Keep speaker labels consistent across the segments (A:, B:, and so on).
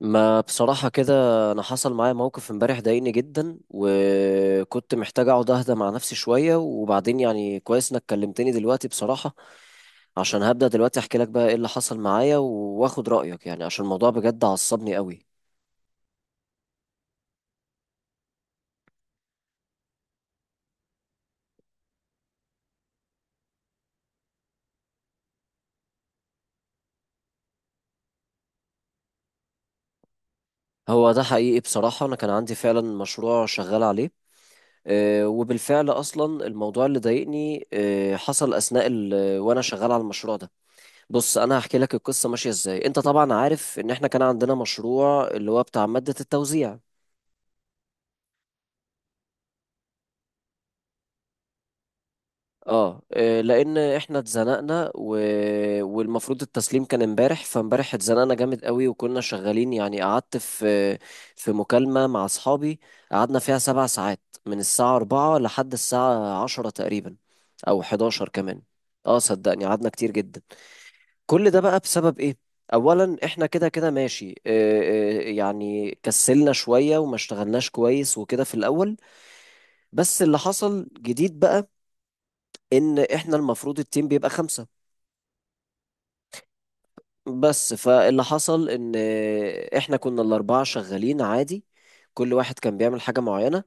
A: ما بصراحة كده، أنا حصل معايا موقف امبارح ضايقني جدا، وكنت محتاج أقعد أهدى مع نفسي شوية، وبعدين يعني كويس إنك كلمتني دلوقتي بصراحة. عشان هبدأ دلوقتي أحكي لك بقى إيه اللي حصل معايا وآخد رأيك، يعني عشان الموضوع بجد عصبني قوي. هو ده حقيقي بصراحة، أنا كان عندي فعلا مشروع شغال عليه. وبالفعل أصلا الموضوع اللي ضايقني حصل أثناء وأنا شغال على المشروع ده. بص انا هحكي لك القصه ماشيه ازاي. انت طبعا عارف ان احنا كان عندنا مشروع اللي هو بتاع ماده التوزيع. لان احنا اتزنقنا والمفروض التسليم كان امبارح، فامبارح اتزنقنا جامد قوي، وكنا شغالين، يعني قعدت في مكالمه مع اصحابي، قعدنا فيها 7 ساعات من الساعه 4 لحد الساعه 10 تقريبا، او 11 كمان. اه صدقني قعدنا كتير جدا. كل ده بقى بسبب ايه؟ اولا احنا كده كده ماشي، يعني كسلنا شوية وما اشتغلناش كويس وكده في الاول. بس اللي حصل جديد بقى، ان احنا المفروض التيم بيبقى 5. بس فاللي حصل ان احنا كنا الاربعة شغالين عادي، كل واحد كان بيعمل حاجة معينة.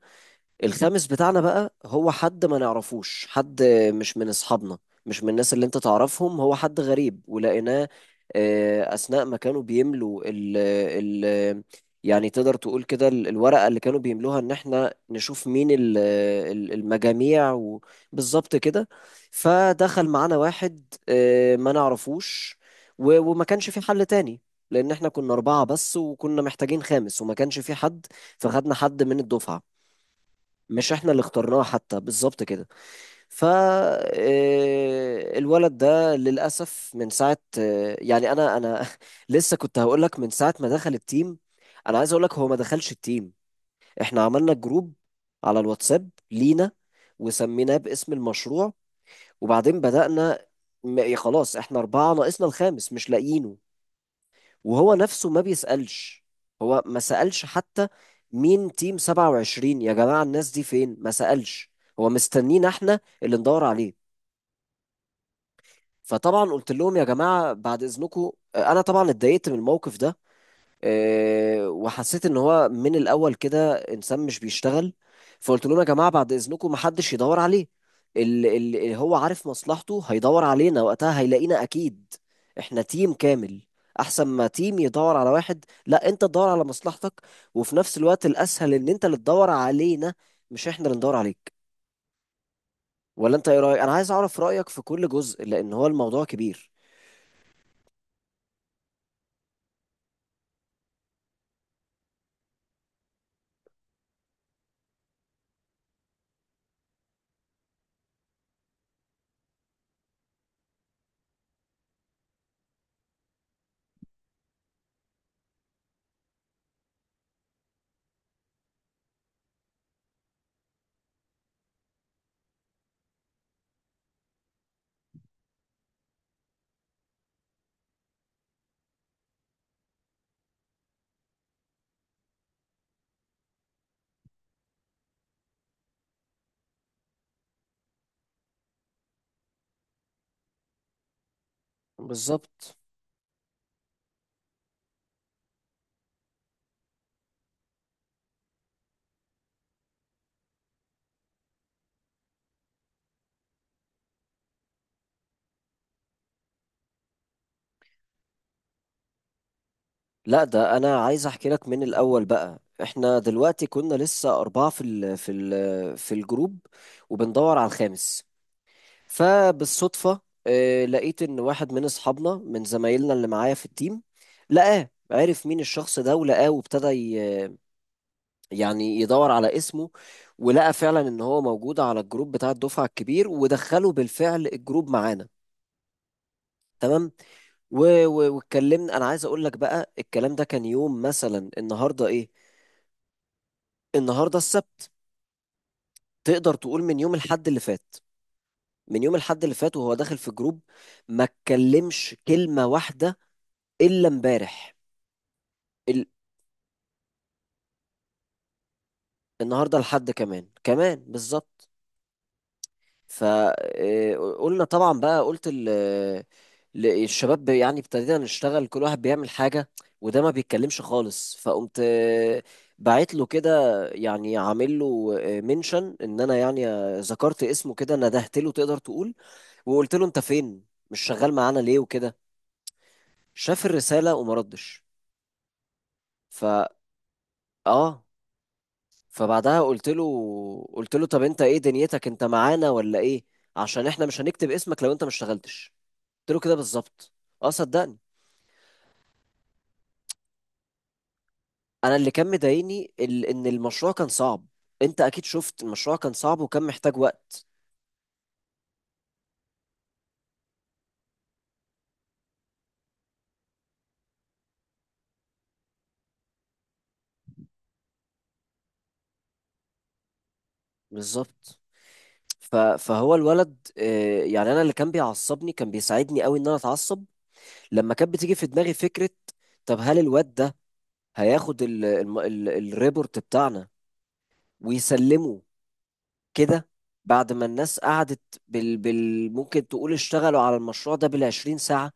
A: الخامس بتاعنا بقى هو حد ما نعرفوش، حد مش من اصحابنا، مش من الناس اللي انت تعرفهم، هو حد غريب ولقيناه اثناء ما كانوا بيملوا ال ال يعني تقدر تقول كده الورقة اللي كانوا بيملوها ان احنا نشوف مين المجاميع بالظبط كده. فدخل معانا واحد ما نعرفوش، وما كانش في حل تاني، لان احنا كنا 4 بس وكنا محتاجين خامس وما كانش في حد. فخدنا حد من الدفعة، مش احنا اللي اخترناه حتى، بالظبط كده. ف آه، الولد ده للاسف من ساعه آه، يعني انا انا لسه كنت هقول لك من ساعه ما دخل التيم، انا عايز اقول لك هو ما دخلش التيم. احنا عملنا جروب على الواتساب لينا، وسميناه باسم المشروع، وبعدين بدأنا. خلاص احنا 4 ناقصنا الخامس مش لاقيينه، وهو نفسه ما بيسألش، هو ما سألش حتى، مين تيم 27 يا جماعة، الناس دي فين، ما سألش، هو مستنينا احنا اللي ندور عليه. فطبعا قلت لهم يا جماعة بعد إذنكم، أنا طبعا اتضايقت من الموقف ده. وحسيت ان هو من الاول كده انسان مش بيشتغل. فقلت لهم يا جماعه بعد اذنكم محدش يدور عليه، اللي هو عارف مصلحته هيدور علينا وقتها هيلاقينا اكيد. احنا تيم كامل، احسن ما تيم يدور على واحد، لا انت تدور على مصلحتك، وفي نفس الوقت الاسهل ان انت اللي تدور علينا، مش احنا اللي ندور عليك. ولا انت ايه رايك؟ انا عايز اعرف رايك في كل جزء لان هو الموضوع كبير. بالظبط. لا ده انا عايز احكي لك من الاول بقى. احنا دلوقتي كنا لسه 4 في الجروب، وبندور على الخامس. فبالصدفة لقيت ان واحد من اصحابنا من زمايلنا اللي معايا في التيم لقاه، عرف مين الشخص ده ولقاه، وابتدى يعني يدور على اسمه، ولقى فعلا ان هو موجود على الجروب بتاع الدفعة الكبير، ودخله بالفعل الجروب معانا. تمام. واتكلمنا. انا عايز اقول لك بقى الكلام ده كان يوم مثلا النهارده ايه؟ النهارده السبت. تقدر تقول من يوم الحد اللي فات. من يوم الحد اللي فات وهو داخل في جروب، ما اتكلمش كلمة واحدة إلا امبارح. ال... النهارده الحد كمان كمان بالظبط. فقلنا طبعا بقى، قلت الشباب، يعني ابتدينا نشتغل كل واحد بيعمل حاجة، وده ما بيتكلمش خالص. فقمت بعت له كده، يعني عامل له منشن، ان انا يعني ذكرت اسمه كده، ندهت له تقدر تقول. وقلت له انت فين؟ مش شغال معانا ليه وكده. شاف الرساله وما ردش. فا اه فبعدها قلت له، قلت له طب انت ايه دنيتك؟ انت معانا ولا ايه؟ عشان احنا مش هنكتب اسمك لو انت ما اشتغلتش. قلت له كده بالظبط. اه صدقني. انا اللي كان مضايقني ان المشروع كان صعب. انت اكيد شفت المشروع كان صعب وكان محتاج وقت. بالظبط. فهو الولد يعني انا اللي كان بيعصبني كان بيساعدني قوي ان انا اتعصب، لما كانت بتيجي في دماغي فكره طب هل الواد ده هياخد ال ال ال الريبورت بتاعنا ويسلمه كده، بعد ما الناس قعدت بال بال ممكن تقول اشتغلوا على المشروع ده بال20 ساعة،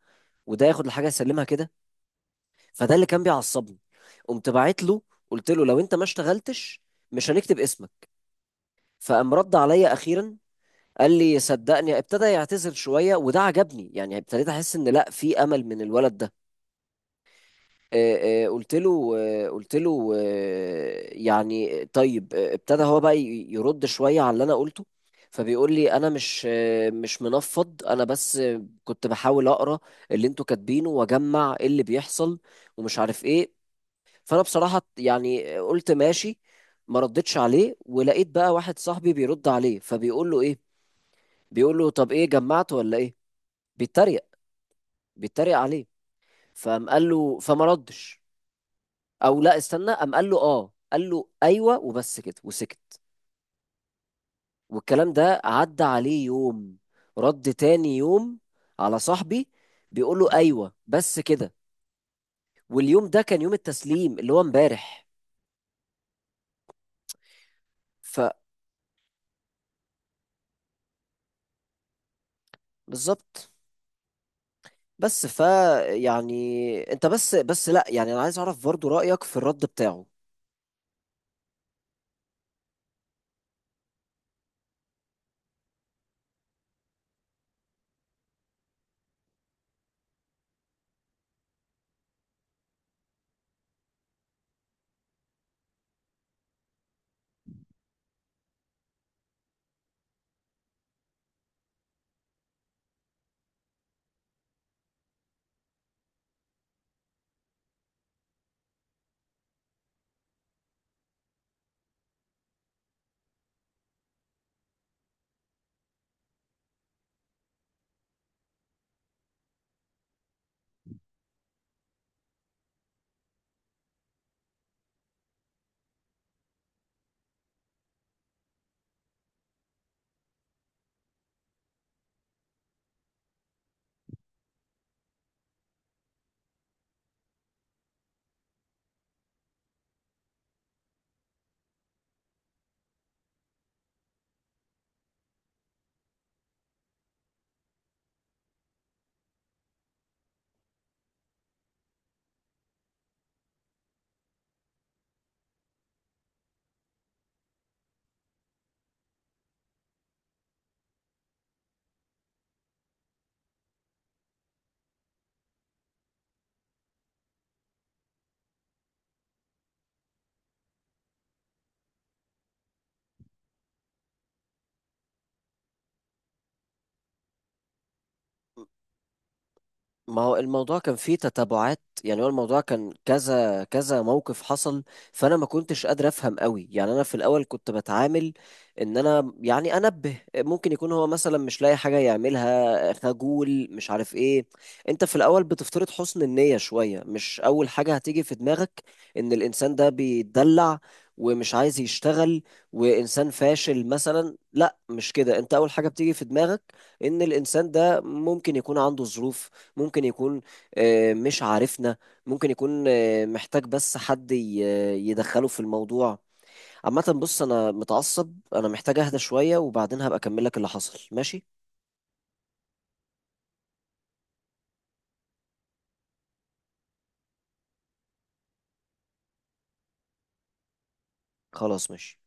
A: وده ياخد الحاجة يسلمها كده. فده اللي كان بيعصبني. قمت باعت له، قلت له لو انت ما اشتغلتش مش هنكتب اسمك. فقام رد عليا اخيرا. قال لي صدقني، ابتدى يعتذر شوية، وده عجبني، يعني ابتديت احس ان لا في امل من الولد ده. قلت له يعني طيب، ابتدى هو بقى يرد شوية على اللي انا قلته. فبيقول لي انا مش منفض، انا بس كنت بحاول اقرا اللي انتوا كاتبينه واجمع إيه اللي بيحصل ومش عارف ايه. فانا بصراحة يعني قلت ماشي، ما ردتش عليه. ولقيت بقى واحد صاحبي بيرد عليه فبيقول له ايه، بيقول له طب ايه جمعت ولا ايه، بيتريق بيتريق عليه. فقام قال له فما ردش. او لا استنى، قام قال له اه، قال له ايوه وبس كده وسكت. والكلام ده عدى عليه يوم، رد تاني يوم على صاحبي بيقول له ايوه بس كده. واليوم ده كان يوم التسليم اللي هو امبارح. فبالظبط. بس يعني انت بس لا يعني انا عايز اعرف برضو رأيك في الرد بتاعه. ما هو الموضوع كان فيه تتابعات، يعني هو الموضوع كان كذا كذا موقف حصل. فانا ما كنتش قادر افهم قوي، يعني انا في الاول كنت بتعامل ان انا يعني انبه، ممكن يكون هو مثلا مش لاقي حاجه يعملها، خجول، مش عارف ايه. انت في الاول بتفترض حسن النيه شويه، مش اول حاجه هتيجي في دماغك ان الانسان ده بيتدلع ومش عايز يشتغل وانسان فاشل مثلا، لا مش كده. انت اول حاجه بتيجي في دماغك ان الانسان ده ممكن يكون عنده ظروف، ممكن يكون مش عارفنا، ممكن يكون محتاج بس حد يدخله في الموضوع. عامة بص أنا متعصب، أنا محتاج أهدى شوية، وبعدين هبقى أكمل لك اللي حصل، ماشي. خلاص ماشي.